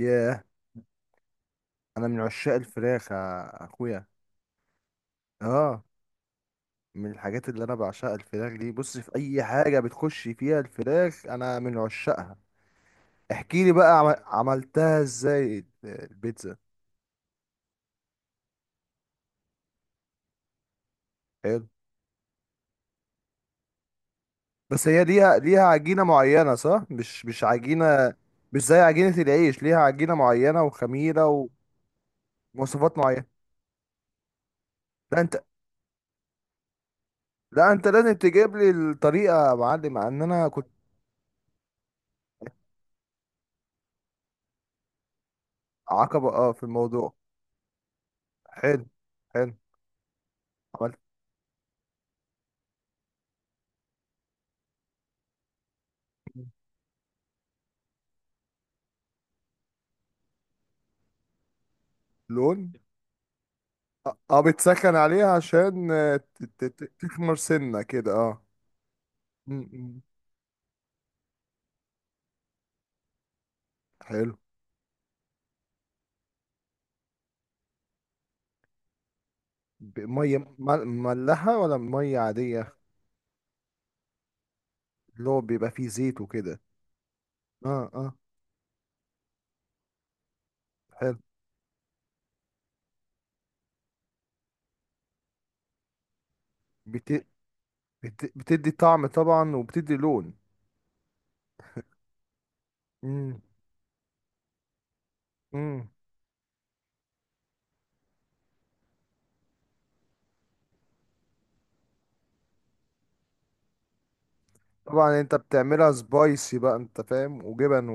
ياه. انا من عشاق الفراخ يا اخويا. اه. من الحاجات اللي انا بعشقها الفراخ دي. بص، في اي حاجه بتخش فيها الفراخ انا من عشاقها. احكي لي بقى عملتها ازاي البيتزا؟ حلو. بس هي ليها عجينه معينه صح؟ مش عجينه، مش زي عجينه العيش، ليها عجينه معينه وخميره ومواصفات معينه. لا انت لا انت لازم تجيب لي الطريقه يا معلم، مع ان انا كنت عقبه في الموضوع. حلو، حلو. عملت لون. اه، بتسخن عليها عشان تخمر سنة كده. اه. م- م. حلو. مية مملحة ولا مية عادية؟ اللي هو بيبقى فيه زيت وكده. اه، اه. حلو. بت... بتدي طعم طبعا وبتدي لون. مم. مم. طبعا، انت بتعملها سبايسي بقى، انت فاهم، وجبن.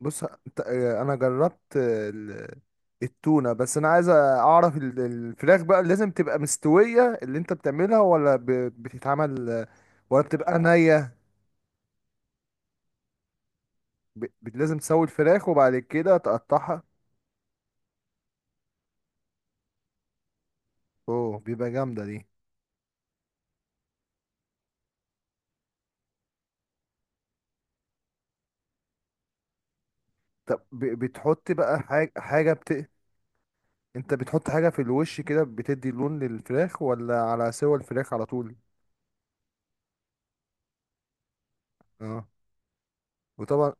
بص، انا جربت التونة. بس انا عايز اعرف الفراخ بقى لازم تبقى مستوية اللي انت بتعملها، ولا بتتعمل ولا بتبقى نية؟ لازم تسوي الفراخ وبعد كده تقطعها. اوه، بيبقى جامدة دي. طب بتحط بقى حاجة؟ انت بتحط حاجة في الوش كده بتدي لون للفراخ، ولا على سوى الفراخ على طول؟ اه. وطبعا.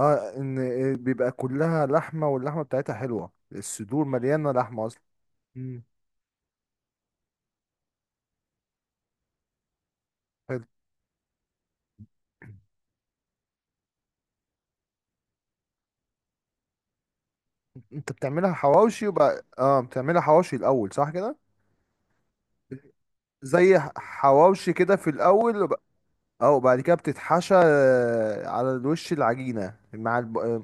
اه ان آه، بيبقى كلها لحمة واللحمة بتاعتها حلوة، الصدور مليانة لحمة اصلا. حلو. انت بتعملها حواوشي، وبقى بتعملها حواوشي الاول صح كده. زي حواوشي كده في الاول اه. وبعد كده بتتحشى على الوش العجينه، مع الب... آه،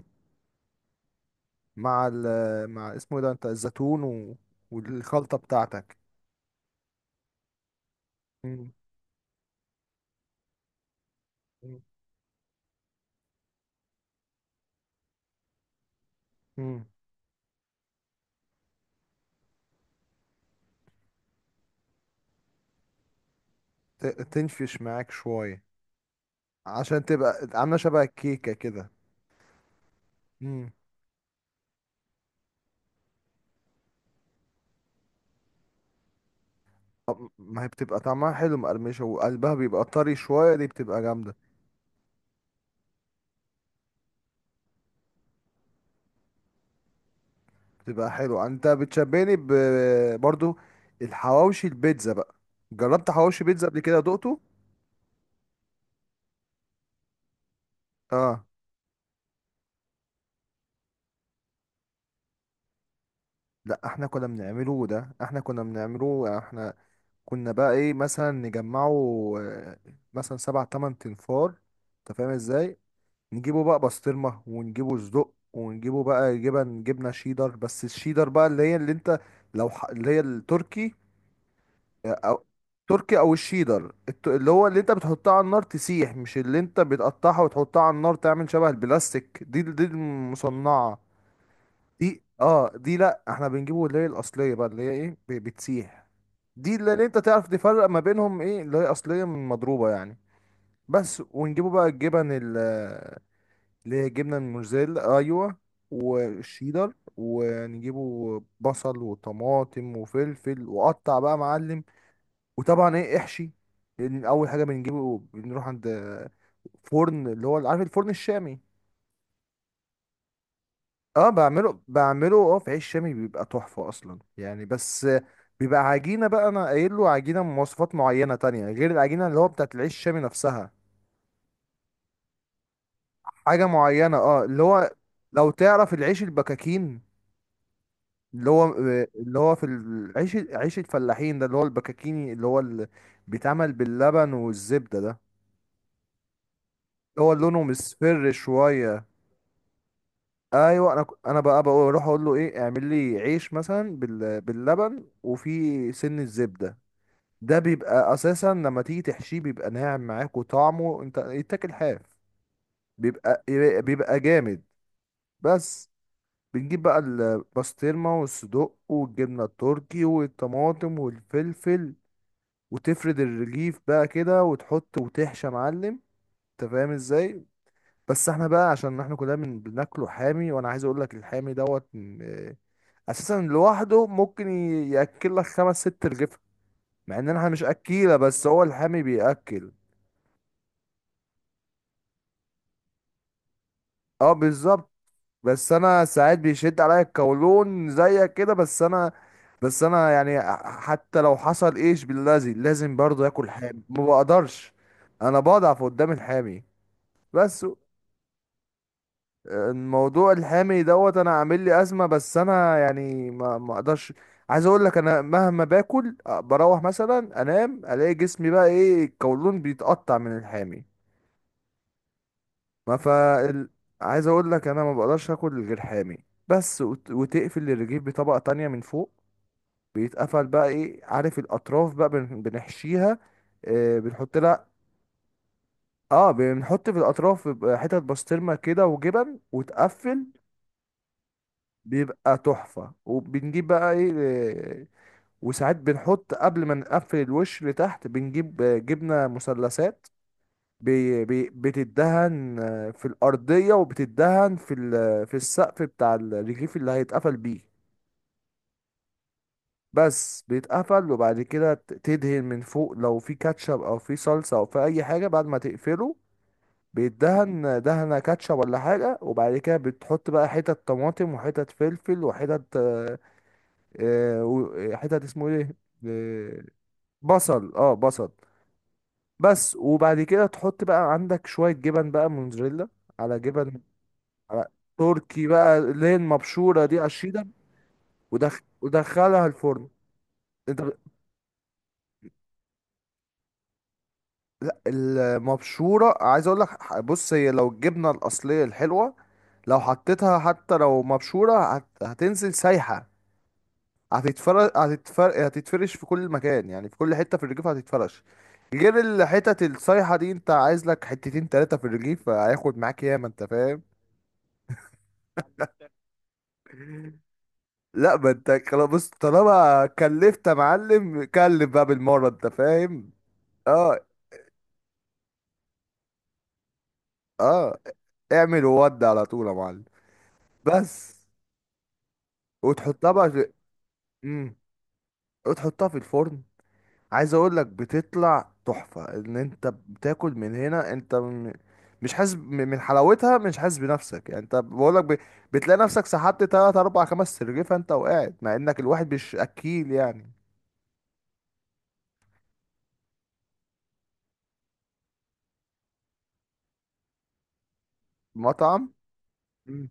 مع ال... آه، مع اسمه إيه ده، انت، الزيتون والخلطه بتاعتك. مم. مم. مم. تنفش معاك شويه عشان تبقى عامله شبه الكيكه كده. مم. طب ما هي بتبقى طعمها حلو مقرمشه، وقلبها بيبقى طري شويه، دي بتبقى جامده. تبقى حلو. انت بتشبهني برضو. الحواوشي البيتزا بقى. جربت حواوشي بيتزا قبل كده دقته؟ اه. لا، احنا كنا بنعمله احنا. كنا بقى ايه مثلا نجمعه آه، مثلا سبع تمن تنفار، انت فاهم ازاي. نجيبه بقى بسطرمة، ونجيبه صدق، ونجيبه بقى جبن، جبنة شيدر. بس الشيدر بقى اللي هي، اللي انت لو اللي هي التركي، أو تركي، او الشيدر اللي هو اللي انت بتحطها على النار تسيح، مش اللي انت بتقطعها وتحطها على النار تعمل شبه البلاستيك دي المصنعة. دي، اه، دي. لا، احنا بنجيبه اللي هي الاصلية بقى اللي هي ايه، بتسيح. دي، اللي انت تعرف تفرق ما بينهم ايه اللي هي اصلية من مضروبة يعني. بس. ونجيبه بقى الجبن اللي هي جبنة الموزاريلا، ايوه. والشيدر. ونجيبه بصل وطماطم وفلفل وقطع بقى معلم. وطبعا ايه، احشي. لأن اول حاجه بنجيبه، بنروح عند فرن، اللي هو عارف، الفرن الشامي. اه، بعمله، في عيش شامي بيبقى تحفه اصلا يعني. بس بيبقى عجينه بقى، انا قايل له عجينه مواصفات معينه تانية غير العجينه اللي هو بتاعت العيش الشامي نفسها. حاجه معينه، اه، اللي هو. لو تعرف العيش البكاكين، اللي هو، في العيش، عيش الفلاحين ده، اللي هو البكاكيني، اللي هو اللي بيتعمل باللبن والزبده ده، اللي هو لونه مصفر شويه. ايوه. انا انا بقى بقول اروح اقول له ايه، اعمل لي عيش مثلا باللبن وفي سن الزبده. ده بيبقى اساسا لما تيجي تحشيه بيبقى ناعم معاك، وطعمه انت يتاكل حاف. بيبقى، جامد. بس. بنجيب بقى البسطرمه والصدق والجبنه التركي والطماطم والفلفل، وتفرد الرغيف بقى كده وتحط وتحشى يا معلم، انت فاهم ازاي. بس احنا بقى عشان احنا كلنا بناكله حامي، وانا عايز اقول لك الحامي دوت اساسا لوحده ممكن ياكل لك خمس ست رغيف، مع ان احنا مش اكيله، بس هو الحامي بياكل. اه، بالظبط. بس انا ساعات بيشد عليا الكولون زيك كده، بس انا. بس انا يعني حتى لو حصل ايش باللازم، لازم برضه اكل حامي، ما بقدرش. انا بضعف قدام الحامي. بس. الموضوع الحامي دوت انا عامل لي ازمه، بس انا يعني ما اقدرش. عايز اقول لك انا مهما باكل، بروح مثلا انام، الاقي جسمي بقى ايه، القولون بيتقطع من الحامي. ما فا ال... عايز اقول لك انا ما بقدرش اكل غير حامي. بس وتقفل الرغيف بطبقه تانية من فوق. بيتقفل بقى ايه، عارف، الاطراف بقى بنحشيها. بنحط لها. اه، بنحط في الاطراف بيبقى حتت بسطرمه كده وجبن وتقفل. بيبقى تحفة. وبنجيب بقى ايه وساعات بنحط قبل ما نقفل الوش لتحت، بنجيب جبنة مثلثات. بي بي بتدهن في الأرضية، وبتدهن في السقف بتاع الرغيف اللي هيتقفل بيه. بس بيتقفل. وبعد كده تدهن من فوق لو في كاتشب أو في صلصة أو في أي حاجة بعد ما تقفله. بيتدهن دهنة كاتشب ولا حاجة. وبعد كده بتحط بقى حتت طماطم وحتت فلفل وحتت حتت اسمه ايه آه، بصل. اه بصل. بس. وبعد كده تحط بقى عندك شوية جبن بقى موزاريلا، على جبن، على تركي بقى اللي هي المبشورة دي، على الشيدر. ودخلها الفرن. انت ب- لا المبشورة، عايز اقول لك بص هي، لو الجبنة الأصلية الحلوة لو حطيتها حتى لو مبشورة هتنزل سايحة، هتتفرش في كل مكان، يعني في كل حتة في الرجيف هتتفرش. غير الحتت الصيحة دي، انت عايز لك حتتين تلاتة في الرجيف، هياخد معاك ياما، انت فاهم. لا ما انت خلاص بص، طالما كلفت يا معلم كلف بقى بالمرة، انت فاهم. اه، اه. اعمل وود على طول يا معلم. بس. وتحطها بقى مم. وتحطها في الفرن. عايز اقول لك بتطلع تحفة، ان انت بتاكل من هنا، انت مش حاسس من حلاوتها، مش حاسس بنفسك يعني، انت بقول لك بتلاقي نفسك سحبت تلات اربع خمس سرجيفة انت، وقاعد، مع انك الواحد مش اكيل يعني. مطعم. مم.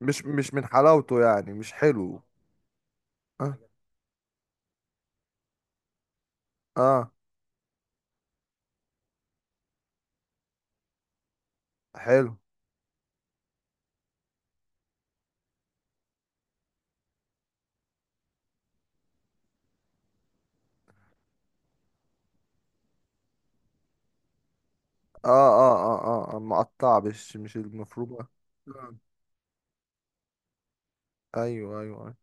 مش من حلاوته يعني، مش حلو. اه، اه، حلو. اه، اه، اه، اه. مقطع، مش المفروض. ايوه، ايوه، أيوة.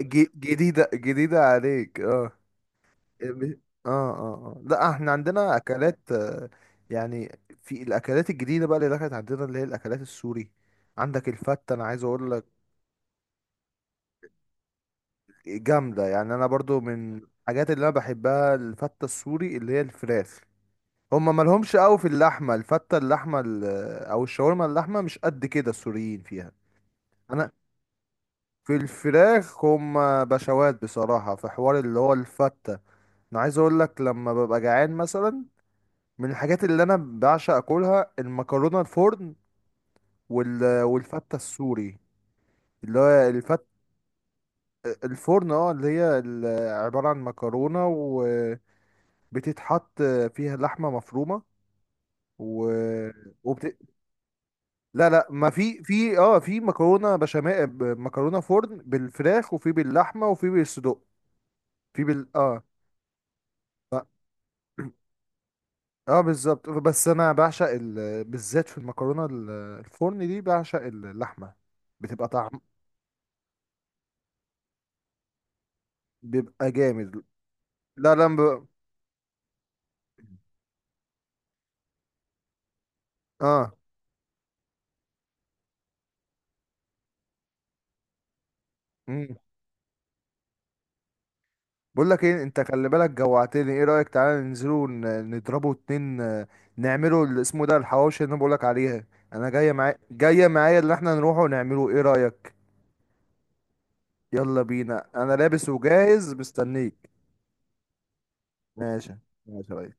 جديدة عليك، اه. ب- اه، اه، اه. لا احنا عندنا اكلات يعني في الاكلات الجديده بقى اللي دخلت عندنا اللي هي الاكلات السوري. عندك الفته، انا عايز اقول لك جامده يعني. انا برضو من الحاجات اللي انا بحبها الفته السوري اللي هي الفراخ. هما مالهمش قوي في اللحمه، الفته اللحمه او الشاورما، اللحمه مش قد كده السوريين فيها. انا في الفراخ هما بشوات بصراحه في حوار اللي هو الفته. انا عايز اقول لك لما ببقى جعان مثلا، من الحاجات اللي انا بعشق اكلها المكرونه الفرن، والفته السوري اللي هو الفت الفرن اه، اللي هي عباره عن مكرونه وبتتحط فيها لحمه مفرومه و... وبت... لا، لا، ما في مكرونه بشاميل، مكرونه فرن بالفراخ، وفي باللحمه، وفي بالصدق. في بال اه. اه، بالظبط. بس انا بعشق بالذات في المكرونه الفرن دي بعشق اللحمه، بتبقى طعم، بيبقى جامد. لا، لا، اه. مم. بقول لك ايه، انت خلي بالك جوعتني، ايه رأيك تعالى ننزلوا نضربوا اتنين نعملوا اللي اسمه ده الحواوشي اللي انا بقول لك عليها. انا جايه معايا اللي احنا نروحه ونعمله، ايه رأيك؟ يلا بينا، انا لابس وجاهز مستنيك. ماشي، ماشي يا ريس.